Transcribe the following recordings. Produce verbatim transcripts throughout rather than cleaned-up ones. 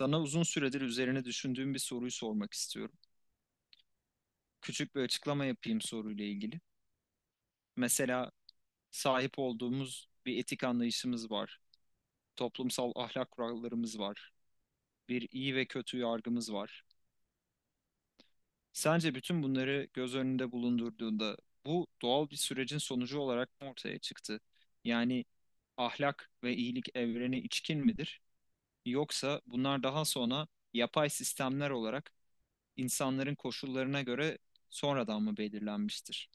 Sana uzun süredir üzerine düşündüğüm bir soruyu sormak istiyorum. Küçük bir açıklama yapayım soruyla ilgili. Mesela sahip olduğumuz bir etik anlayışımız var. Toplumsal ahlak kurallarımız var. Bir iyi ve kötü yargımız var. Sence bütün bunları göz önünde bulundurduğunda bu doğal bir sürecin sonucu olarak mı ortaya çıktı? Yani ahlak ve iyilik evrene içkin midir? Yoksa bunlar daha sonra yapay sistemler olarak insanların koşullarına göre sonradan mı belirlenmiştir?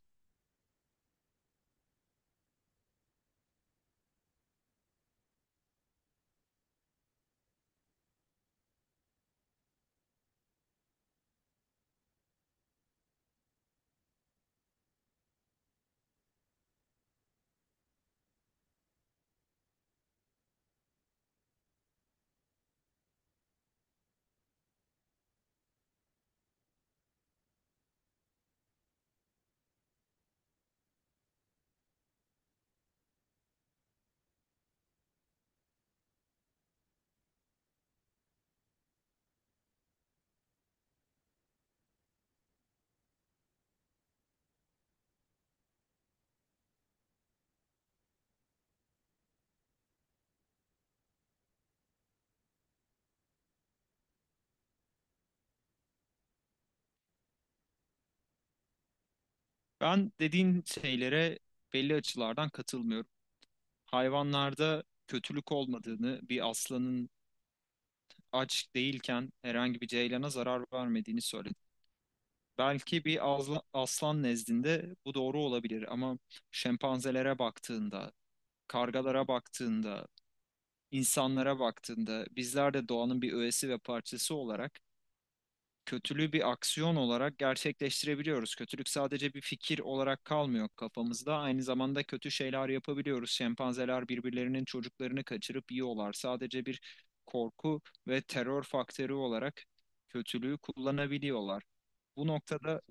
Ben dediğin şeylere belli açılardan katılmıyorum. Hayvanlarda kötülük olmadığını, bir aslanın aç değilken herhangi bir ceylana zarar vermediğini söyledim. Belki bir azla- aslan nezdinde bu doğru olabilir ama şempanzelere baktığında, kargalara baktığında, insanlara baktığında bizler de doğanın bir öğesi ve parçası olarak kötülüğü bir aksiyon olarak gerçekleştirebiliyoruz. Kötülük sadece bir fikir olarak kalmıyor kafamızda. Aynı zamanda kötü şeyler yapabiliyoruz. Şempanzeler birbirlerinin çocuklarını kaçırıp yiyorlar. Sadece bir korku ve terör faktörü olarak kötülüğü kullanabiliyorlar. Bu noktada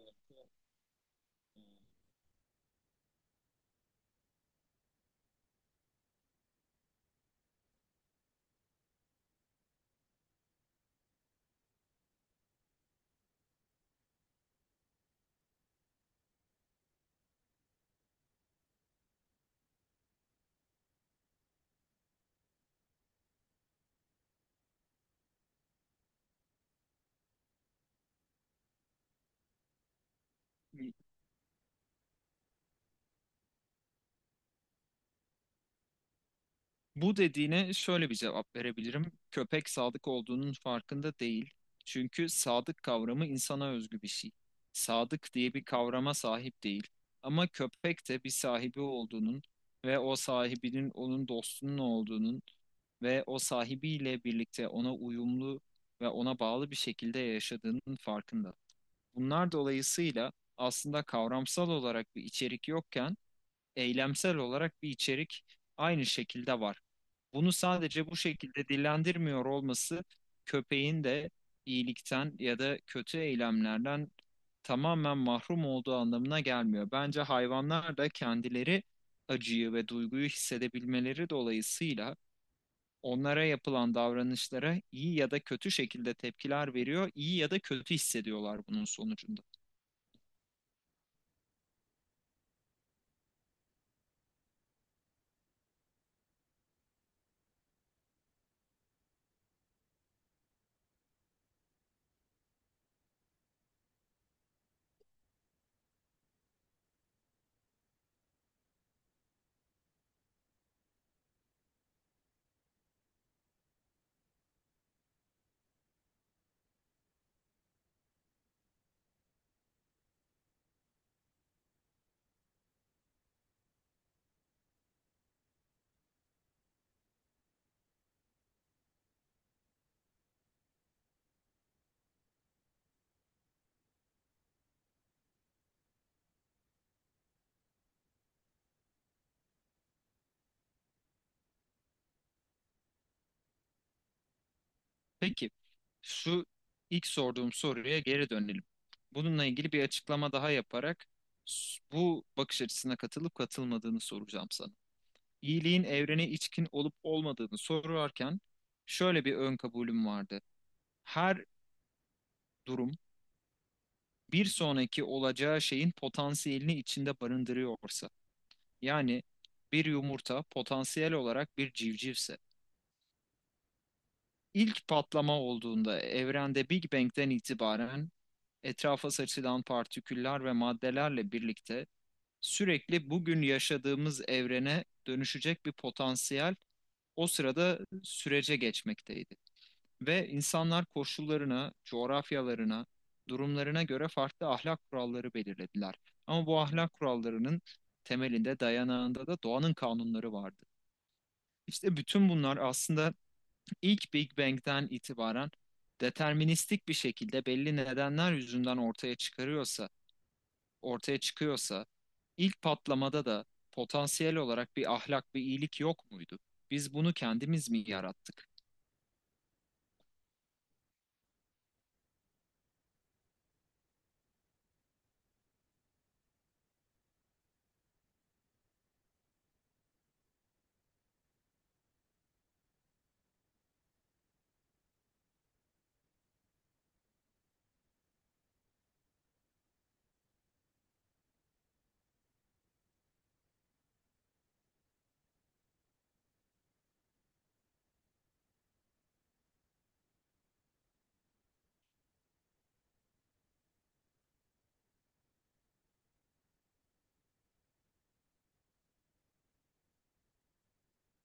Bu dediğine şöyle bir cevap verebilirim. Köpek sadık olduğunun farkında değil. Çünkü sadık kavramı insana özgü bir şey. Sadık diye bir kavrama sahip değil. Ama köpek de bir sahibi olduğunun ve o sahibinin onun dostunun olduğunun ve o sahibiyle birlikte ona uyumlu ve ona bağlı bir şekilde yaşadığının farkında. Bunlar dolayısıyla aslında kavramsal olarak bir içerik yokken eylemsel olarak bir içerik aynı şekilde var. Bunu sadece bu şekilde dillendirmiyor olması köpeğin de iyilikten ya da kötü eylemlerden tamamen mahrum olduğu anlamına gelmiyor. Bence hayvanlar da kendileri acıyı ve duyguyu hissedebilmeleri dolayısıyla onlara yapılan davranışlara iyi ya da kötü şekilde tepkiler veriyor, iyi ya da kötü hissediyorlar bunun sonucunda. Peki, şu ilk sorduğum soruya geri dönelim. Bununla ilgili bir açıklama daha yaparak s- bu bakış açısına katılıp katılmadığını soracağım sana. İyiliğin evrene içkin olup olmadığını sorarken şöyle bir ön kabulüm vardı. Her durum bir sonraki olacağı şeyin potansiyelini içinde barındırıyorsa, yani bir yumurta potansiyel olarak bir civcivse, ilk patlama olduğunda evrende Big Bang'den itibaren etrafa saçılan partiküller ve maddelerle birlikte sürekli bugün yaşadığımız evrene dönüşecek bir potansiyel o sırada sürece geçmekteydi. Ve insanlar koşullarına, coğrafyalarına, durumlarına göre farklı ahlak kuralları belirlediler. Ama bu ahlak kurallarının temelinde, dayanağında da doğanın kanunları vardı. İşte bütün bunlar aslında ilk Big Bang'den itibaren deterministik bir şekilde belli nedenler yüzünden ortaya çıkarıyorsa, ortaya çıkıyorsa ilk patlamada da potansiyel olarak bir ahlak, bir iyilik yok muydu? Biz bunu kendimiz mi yarattık?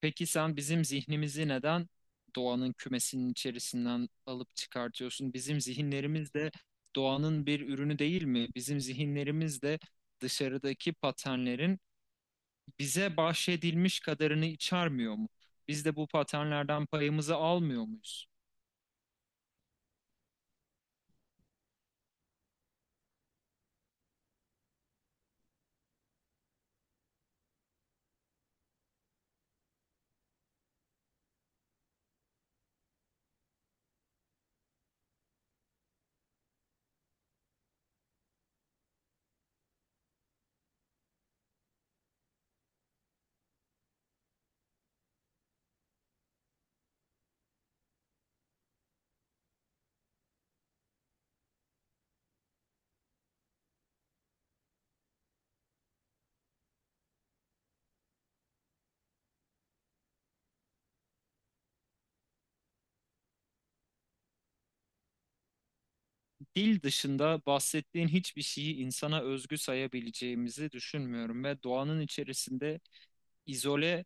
Peki sen bizim zihnimizi neden doğanın kümesinin içerisinden alıp çıkartıyorsun? Bizim zihinlerimiz de doğanın bir ürünü değil mi? Bizim zihinlerimiz de dışarıdaki paternlerin bize bahşedilmiş kadarını içermiyor mu? Biz de bu paternlerden payımızı almıyor muyuz? Dil dışında bahsettiğin hiçbir şeyi insana özgü sayabileceğimizi düşünmüyorum ve doğanın içerisinde izole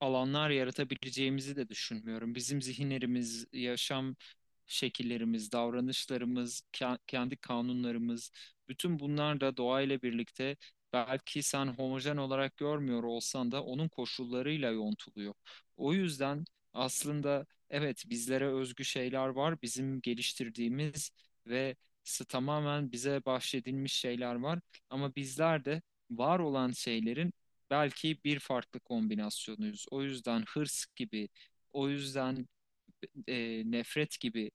alanlar yaratabileceğimizi de düşünmüyorum. Bizim zihinlerimiz, yaşam şekillerimiz, davranışlarımız, ke- kendi kanunlarımız, bütün bunlar da doğayla birlikte belki sen homojen olarak görmüyor olsan da onun koşullarıyla yontuluyor. O yüzden aslında evet bizlere özgü şeyler var, bizim geliştirdiğimiz ve s- tamamen bize bahşedilmiş şeyler var ama bizler de var olan şeylerin belki bir farklı kombinasyonuyuz. O yüzden hırs gibi, o yüzden e, nefret gibi,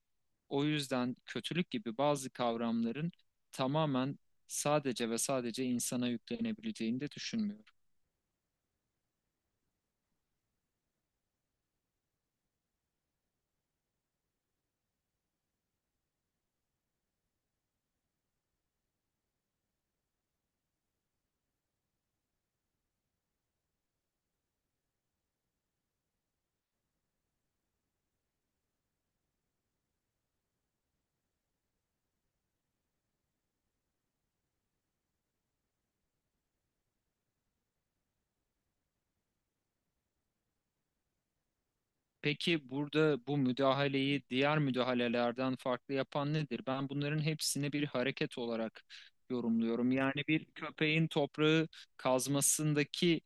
o yüzden kötülük gibi bazı kavramların tamamen sadece ve sadece insana yüklenebileceğini de düşünmüyorum. Peki burada bu müdahaleyi diğer müdahalelerden farklı yapan nedir? Ben bunların hepsini bir hareket olarak yorumluyorum. Yani bir köpeğin toprağı kazmasındaki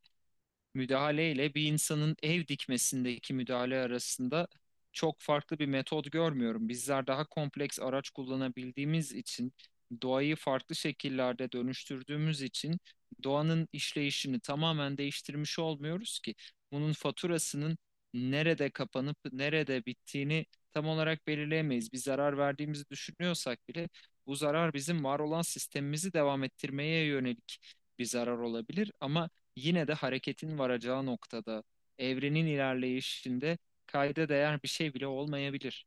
müdahaleyle bir insanın ev dikmesindeki müdahale arasında çok farklı bir metot görmüyorum. Bizler daha kompleks araç kullanabildiğimiz için, doğayı farklı şekillerde dönüştürdüğümüz için doğanın işleyişini tamamen değiştirmiş olmuyoruz ki. Bunun faturasının nerede kapanıp nerede bittiğini tam olarak belirleyemeyiz. Bir zarar verdiğimizi düşünüyorsak bile bu zarar bizim var olan sistemimizi devam ettirmeye yönelik bir zarar olabilir ama yine de hareketin varacağı noktada, evrenin ilerleyişinde kayda değer bir şey bile olmayabilir.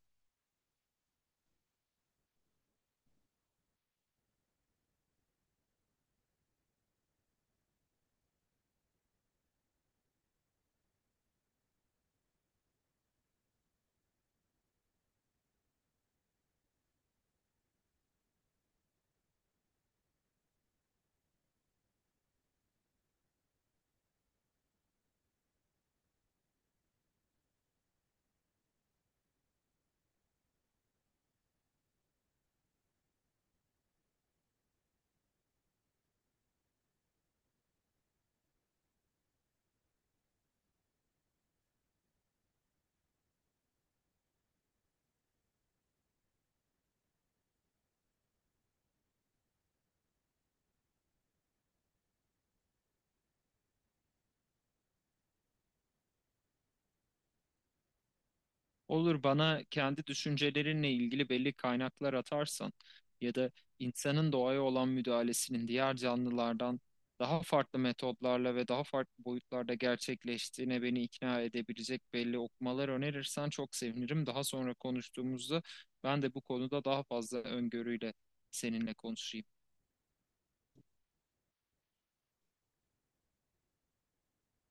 Olur, bana kendi düşüncelerinle ilgili belli kaynaklar atarsan ya da insanın doğaya olan müdahalesinin diğer canlılardan daha farklı metotlarla ve daha farklı boyutlarda gerçekleştiğine beni ikna edebilecek belli okumalar önerirsen çok sevinirim. Daha sonra konuştuğumuzda ben de bu konuda daha fazla öngörüyle seninle konuşayım.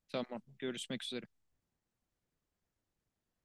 Tamam, görüşmek üzere.